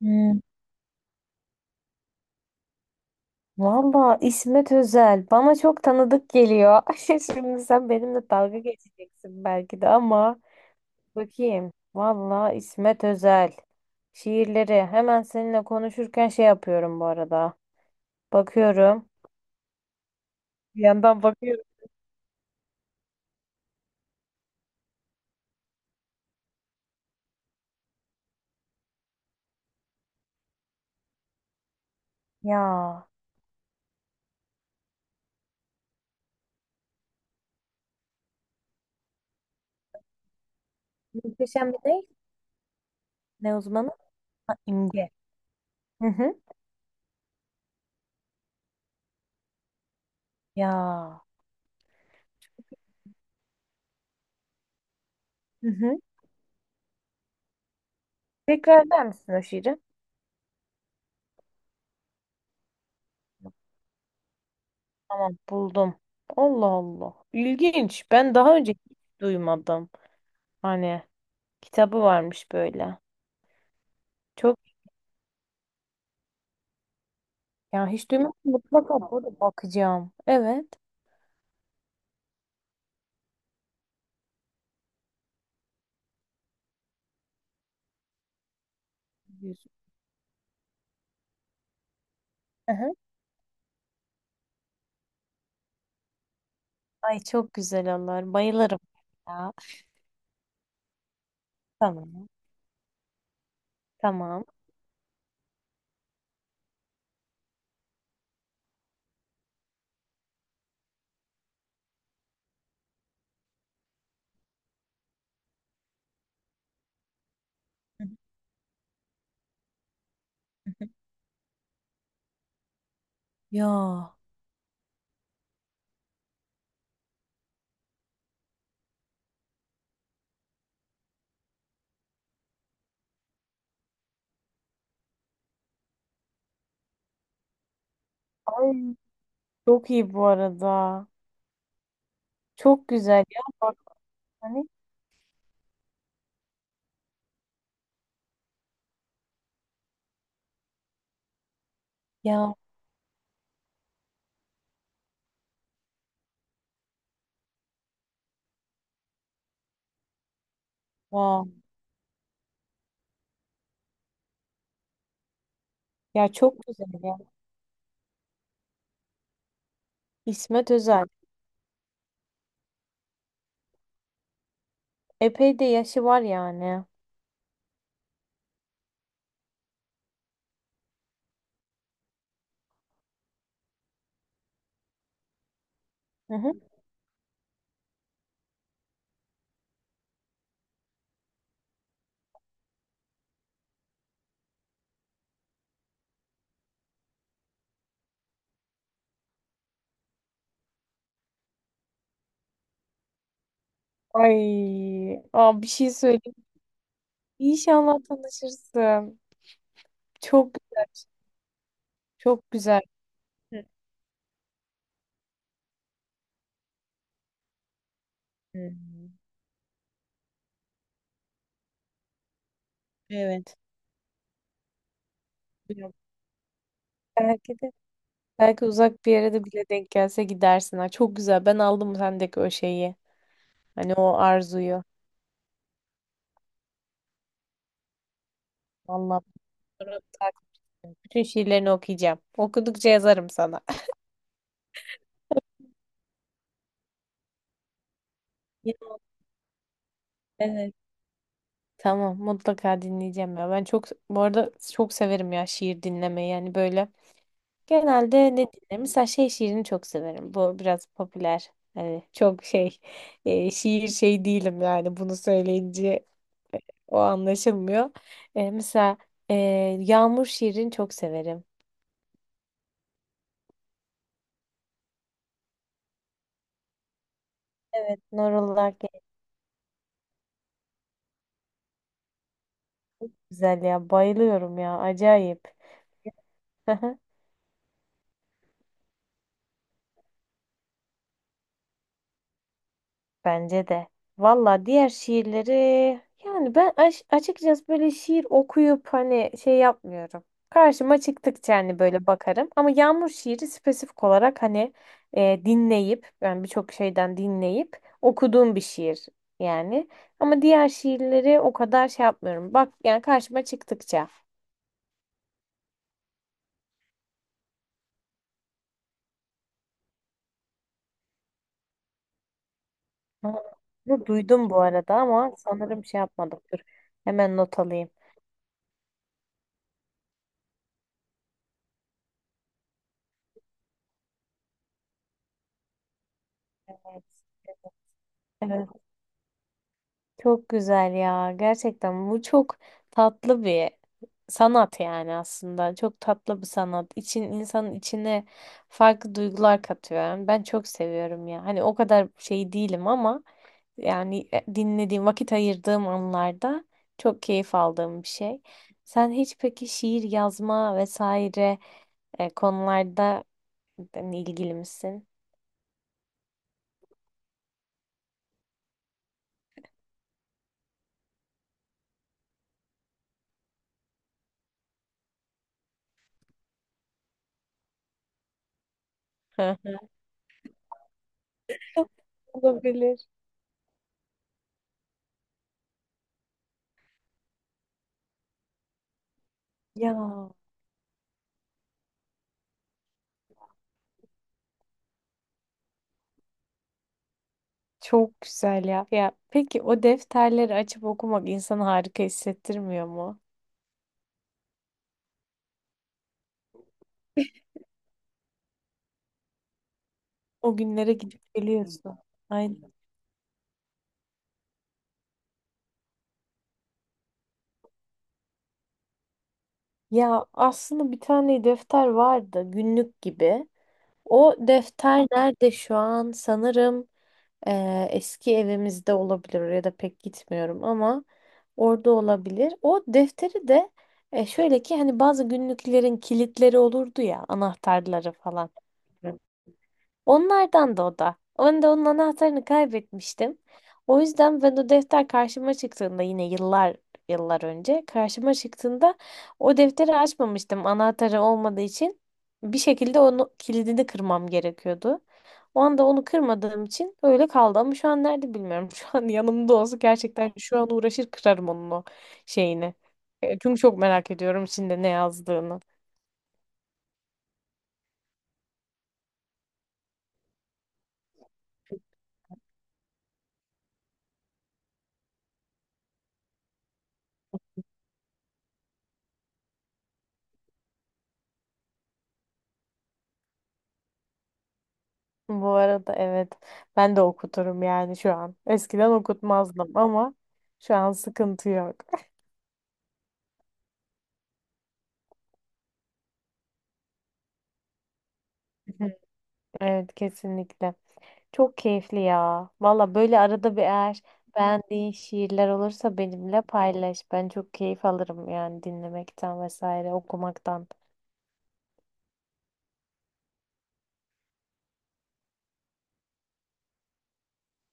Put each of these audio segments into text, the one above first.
Hmm, valla İsmet Özel bana çok tanıdık geliyor. Şimdi sen benimle dalga geçeceksin belki de ama bakayım. Valla İsmet Özel şiirleri hemen seninle konuşurken şey yapıyorum bu arada. Bakıyorum. Bir yandan bakıyorum. Ya muhteşem bir ne? Ne uzmanı? Ha, İmge. Hı hı. Ya. Hı hı. Tekrar eder misin o şiiri? Tamam buldum. Allah Allah. İlginç. Ben daha önce hiç duymadım. Hani. Kitabı varmış böyle. Çok ya hiç duymadım. Mutlaka burada bakacağım. Evet. Biliyorsun. Aha. Ay çok güzel olur. Bayılırım ya. Tamam. Tamam. Ya. Ay çok iyi bu arada. Çok güzel ya. Bak hani ya. Wow. Ya çok güzel ya. İsmet Özel. Epey de yaşı var yani. Hı hı. Ay. Aa, bir şey söyleyeyim. İnşallah tanışırsın. Çok çok güzel. Hı hı. Evet. Bilmiyorum. Belki de belki uzak bir yere de bile denk gelse gidersin. Ha, çok güzel. Ben aldım sendeki o şeyi. Hani o arzuyu. Vallahi bunları tak- bütün şiirlerini okuyacağım. Okudukça yazarım sana. Ya, evet. Tamam, mutlaka dinleyeceğim ya. Ben bu arada çok severim ya şiir dinlemeyi. Yani böyle genelde ne dinlerim? Mesela şey şiirini çok severim. Bu biraz popüler. Hani çok şey şiir şey değilim yani bunu söyleyince o anlaşılmıyor. Mesela e, Yağmur şiirini çok severim. Nurullah güzel ya. Bayılıyorum ya. Acayip. Bence de. Valla diğer şiirleri yani açıkçası böyle şiir okuyup hani şey yapmıyorum. Karşıma çıktıkça hani böyle bakarım. Ama Yağmur şiiri spesifik olarak hani dinleyip yani birçok şeyden dinleyip okuduğum bir şiir yani. Ama diğer şiirleri o kadar şey yapmıyorum. Bak yani karşıma çıktıkça. Ha, bunu duydum bu arada ama sanırım şey yapmadım. Dur hemen not alayım. Evet. Evet. Çok güzel ya. Gerçekten bu çok tatlı bir sanat yani aslında. Çok tatlı bir sanat. İçin insanın içine farklı duygular katıyor. Yani ben çok seviyorum ya. Hani o kadar şey değilim ama yani dinlediğim, vakit ayırdığım anlarda çok keyif aldığım bir şey. Sen hiç peki şiir yazma vesaire konularda hani ilgili misin? Olabilir. Ya. Çok güzel ya. Ya peki o defterleri açıp okumak insanı harika hissettirmiyor mu? O günlere gidip geliyorsun. Aynen. Ya aslında bir tane defter vardı günlük gibi. O defter nerede şu an? Sanırım eski evimizde olabilir. Oraya da pek gitmiyorum ama orada olabilir. O defteri de şöyle ki hani bazı günlüklerin kilitleri olurdu ya anahtarları falan. Onlardan da o da. Ben de onun anahtarını kaybetmiştim. O yüzden ben o defter karşıma çıktığında yine yıllar önce karşıma çıktığında o defteri açmamıştım anahtarı olmadığı için. Bir şekilde onu kilidini kırmam gerekiyordu. O anda onu kırmadığım için öyle kaldı ama şu an nerede bilmiyorum. Şu an yanımda olsa gerçekten şu an uğraşır kırarım onun o şeyini. Çünkü çok merak ediyorum içinde ne yazdığını. Bu arada evet ben de okuturum yani şu an. Eskiden okutmazdım ama şu an sıkıntı yok. Evet kesinlikle. Çok keyifli ya. Valla böyle arada bir eğer beğendiğin şiirler olursa benimle paylaş. Ben çok keyif alırım yani dinlemekten vesaire okumaktan.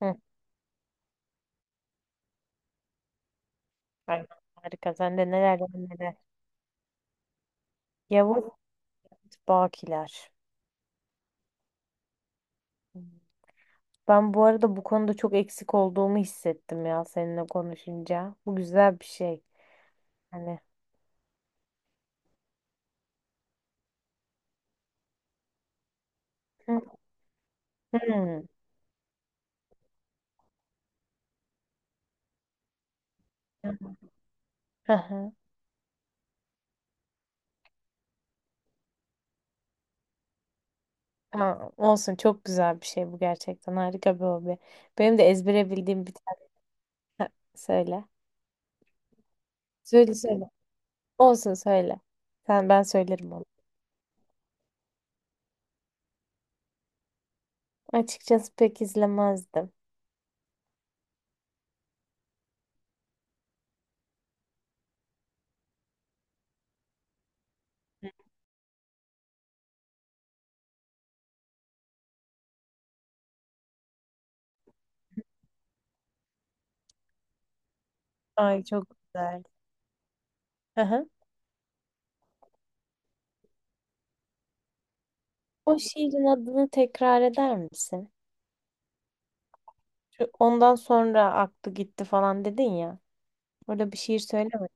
Hı. Aynen, harika. Sen de neler var neler. Yavuz Bakiler. Hmm. Ben bu arada bu konuda çok eksik olduğumu hissettim ya seninle konuşunca. Bu güzel bir şey. Hani. Hmm. Hı hı. Ha, olsun çok güzel bir şey bu gerçekten harika bir hobi. Benim de ezbere bildiğim bir tane söyle. Söyle söyle. Olsun söyle. Sen ben söylerim onu. Açıkçası pek izlemezdim. Ay çok güzel. Hı hı. O şiirin adını tekrar eder misin? Şu, ondan sonra aklı gitti falan dedin ya. Orada bir şiir söyleme.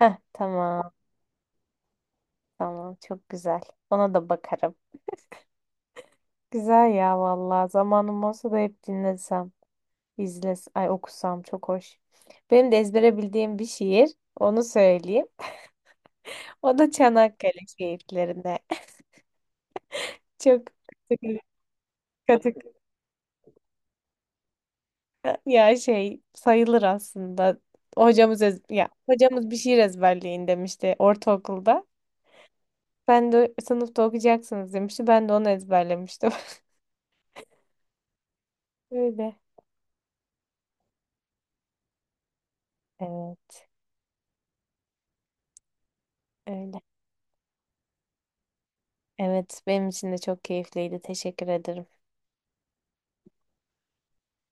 Heh tamam çok güzel. Ona da bakarım. Güzel ya vallahi zamanım olsa da hep dinlesem. İzles, ay okusam çok hoş. Benim de ezbere bildiğim bir şiir. Onu söyleyeyim. O da Çanakkale şiirlerine. Çok katı katı- ya şey sayılır aslında. Ya hocamız bir şiir ezberleyin demişti ortaokulda. Ben de sınıfta okuyacaksınız demişti. Ben de onu ezberlemiştim. Öyle. Evet, öyle. Evet, benim için de çok keyifliydi. Teşekkür ederim.